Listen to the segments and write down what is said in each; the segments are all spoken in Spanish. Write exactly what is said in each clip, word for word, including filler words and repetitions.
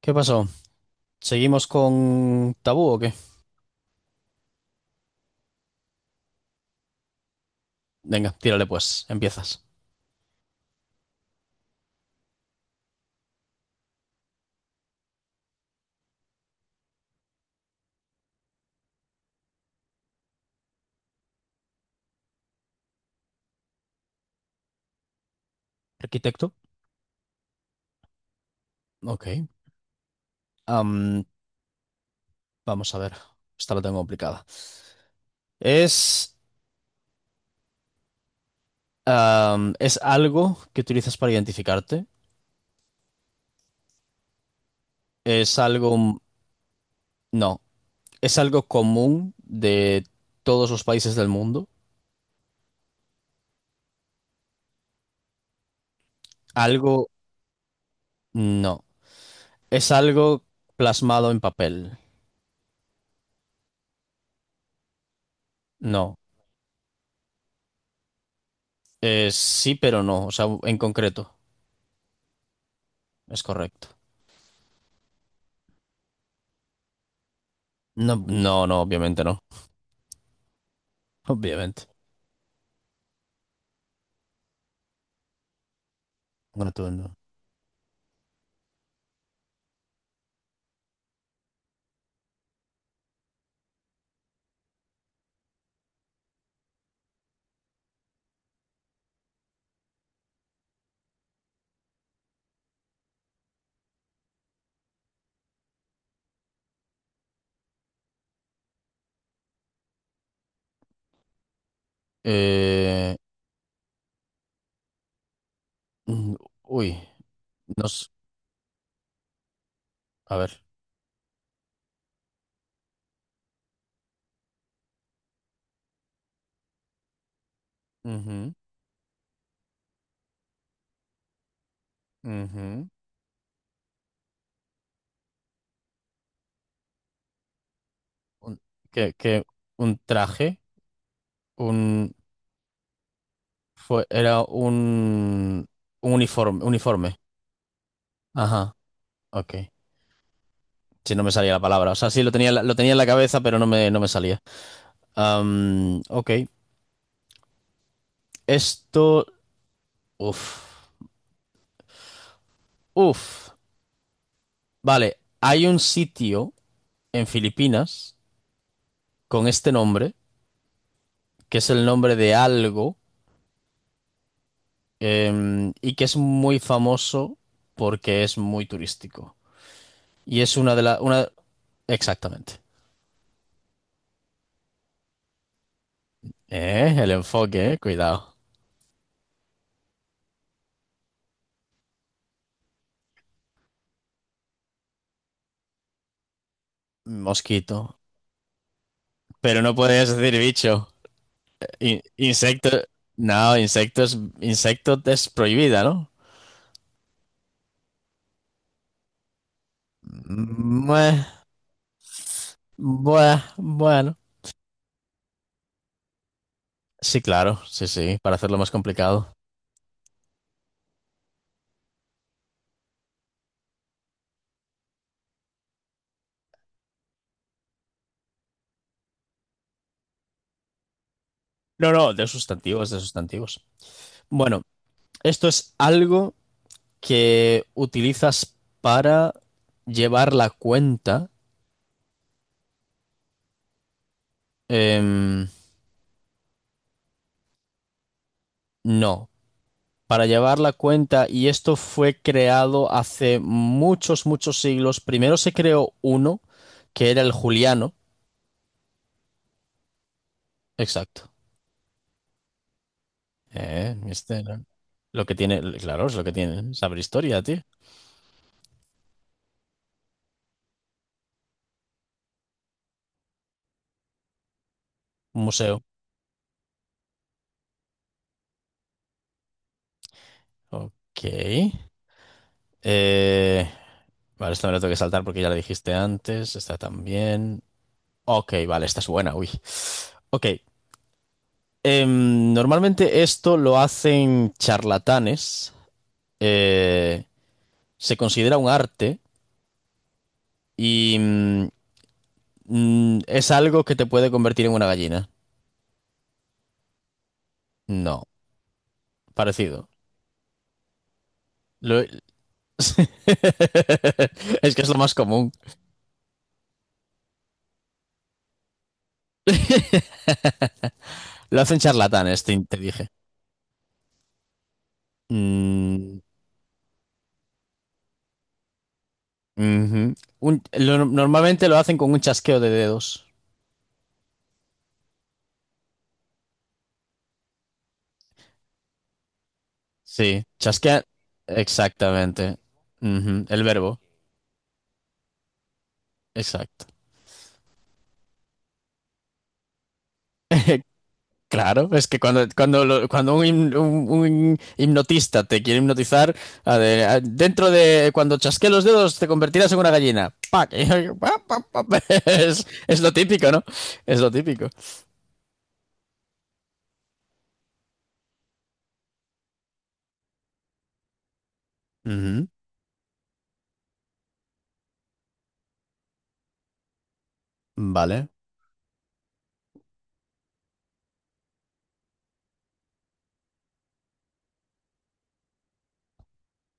¿Qué pasó? ¿Seguimos con tabú o qué? Venga, tírale pues, empiezas. Arquitecto. Ok. Am, vamos a ver, esta la tengo complicada. Es, am, es algo que utilizas para identificarte. Es algo, no, es algo común de todos los países del mundo. Algo, no. Es algo plasmado en papel. No. Es sí, pero no. O sea, en concreto. Es correcto. No, no, no, obviamente no. Obviamente. Rotundo. Eh, mm, uy, nos, a ver. Ujú, ujú. Un, que, que un traje, un, fue, era un, un uniforme, uniforme. Ajá, ok. Si no me salía la palabra. O sea, sí lo tenía, en la- lo tenía en la cabeza, pero no me, no me salía. Am, ok. Esto, uf, uf. Vale, hay un sitio en Filipinas con este nombre, que es el nombre de algo. em, y que es muy famoso porque es muy turístico. Y es una de las, una. Exactamente. Eh, el enfoque, eh, cuidado. Mosquito. Pero no puedes decir bicho. In- insecto. No, insectos, insecto es prohibida, ¿no? Bueno, bueno. Sí, claro, sí, sí, para hacerlo más complicado. No, no, de sustantivos, de sustantivos. Bueno, esto es algo que utilizas para llevar la cuenta. Em, no, para llevar la cuenta, y esto fue creado hace muchos, muchos siglos. Primero se creó uno, que era el Juliano. Exacto. Eh, ¿viste? Lo que tiene, claro, es lo que tiene. Saber historia, tío. Un museo. Ok. Eh, vale, esta me la tengo que saltar porque ya la dijiste antes. Esta también. Ok, vale, esta es buena, uy. Ok, Em, normalmente esto lo hacen charlatanes, eh, se considera un arte y mm, mm, es algo que te puede convertir en una gallina. No, parecido. Lo- Es que es lo más común. Lo hacen charlatanes, te, te dije. Mm, ujú. Un- lo- normalmente lo hacen con un chasqueo de dedos. Sí, chasquea. Exactamente. Ujú. El verbo. Exacto. Claro, es que cuando, cuando, lo- cuando un, him- un- un hipnotista te quiere hipnotizar, a de- a- dentro de cuando chasquees los dedos te convertirás en una gallina. ¡Pac! Pa, pa, pa, pa. Es, es lo típico, ¿no? Es lo típico. Ujú. Vale.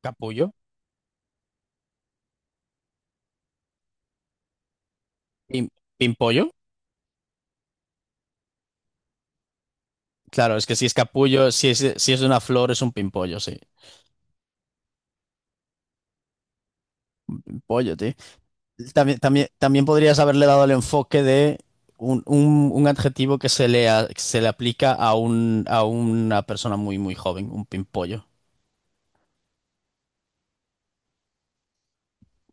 ¿Capullo? ¿Pim- ¿Pimpollo? Claro, es que si es capullo, si es, si es de una flor, es un pimpollo, sí. Pollo, tío. También, también, también podrías haberle dado el enfoque de un, un- un adjetivo que se le, a- que se le aplica a, un, a una persona muy, muy joven, un pimpollo.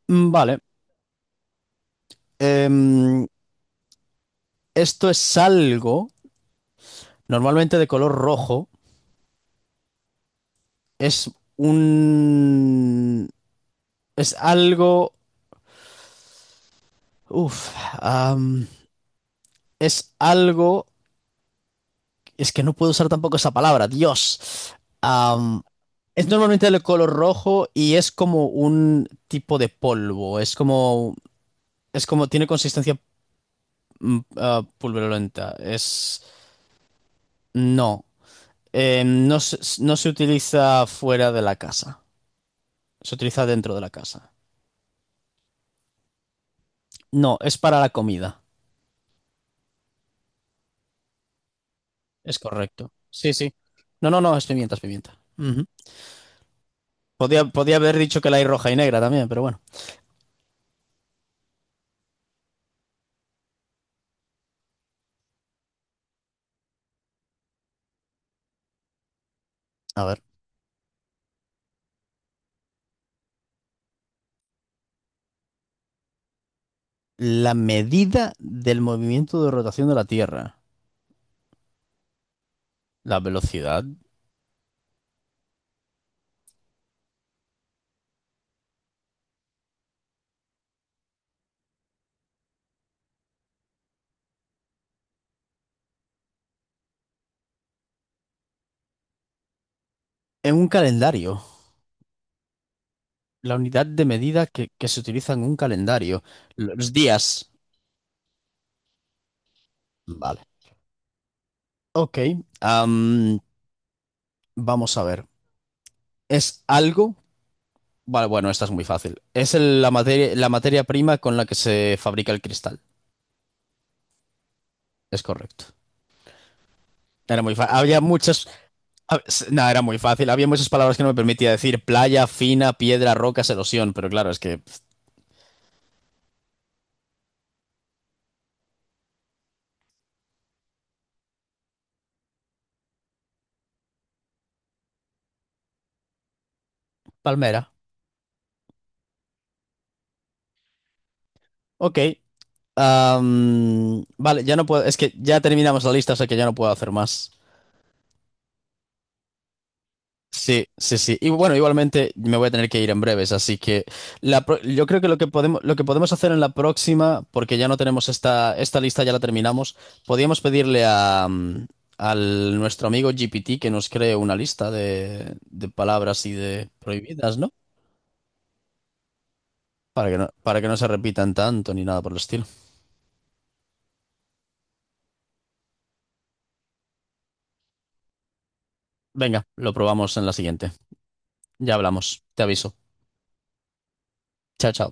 Mm. Vale. Em, esto es algo normalmente de color rojo. Es un, es algo, uf, am, es algo. Es que no puedo usar tampoco esa palabra. Dios. Es normalmente de color rojo y es como un tipo de polvo. Es como, es como, tiene consistencia mm, ah, pulverulenta. Es, no, Eh, no se, no se utiliza fuera de la casa. Se utiliza dentro de la casa. No, es para la comida. Es correcto. Sí, sí. No, no, no, es pimienta, es pimienta. Ujú. Podía, podía haber dicho que la hay roja y negra también, pero bueno. A ver. La medida del movimiento de rotación de la Tierra. La velocidad. En un calendario. La unidad de medida que, que se utiliza en un calendario. Los días. Vale. Ok. am, vamos a ver. ¿Es algo? Vale, bueno, esta es muy fácil. Es el- la materia, la materia prima con la que se fabrica el cristal. Es correcto. Era muy fácil. Había muchas. hab- s- No, era muy fácil. Había muchas palabras que no me permitía decir. Playa, fina, piedra, rocas, erosión. Pero claro, es que. pf, Palmera. Ok. am, vale, ya no puedo. Es que ya terminamos la lista, o sea que ya no puedo hacer más. Sí, sí, sí. Y bueno, igualmente me voy a tener que ir en breves, así que la pro- yo creo que lo que podemos, lo que podemos hacer en la próxima, porque ya no tenemos esta, esta, lista, ya la terminamos, podríamos pedirle a, mm, al nuestro amigo G P T que nos cree una lista de, de palabras y de prohibidas, ¿no? Para que no, para que no se repitan tanto ni nada por el estilo. Venga, lo probamos en la siguiente. Ya hablamos. Te aviso. Chao, chao.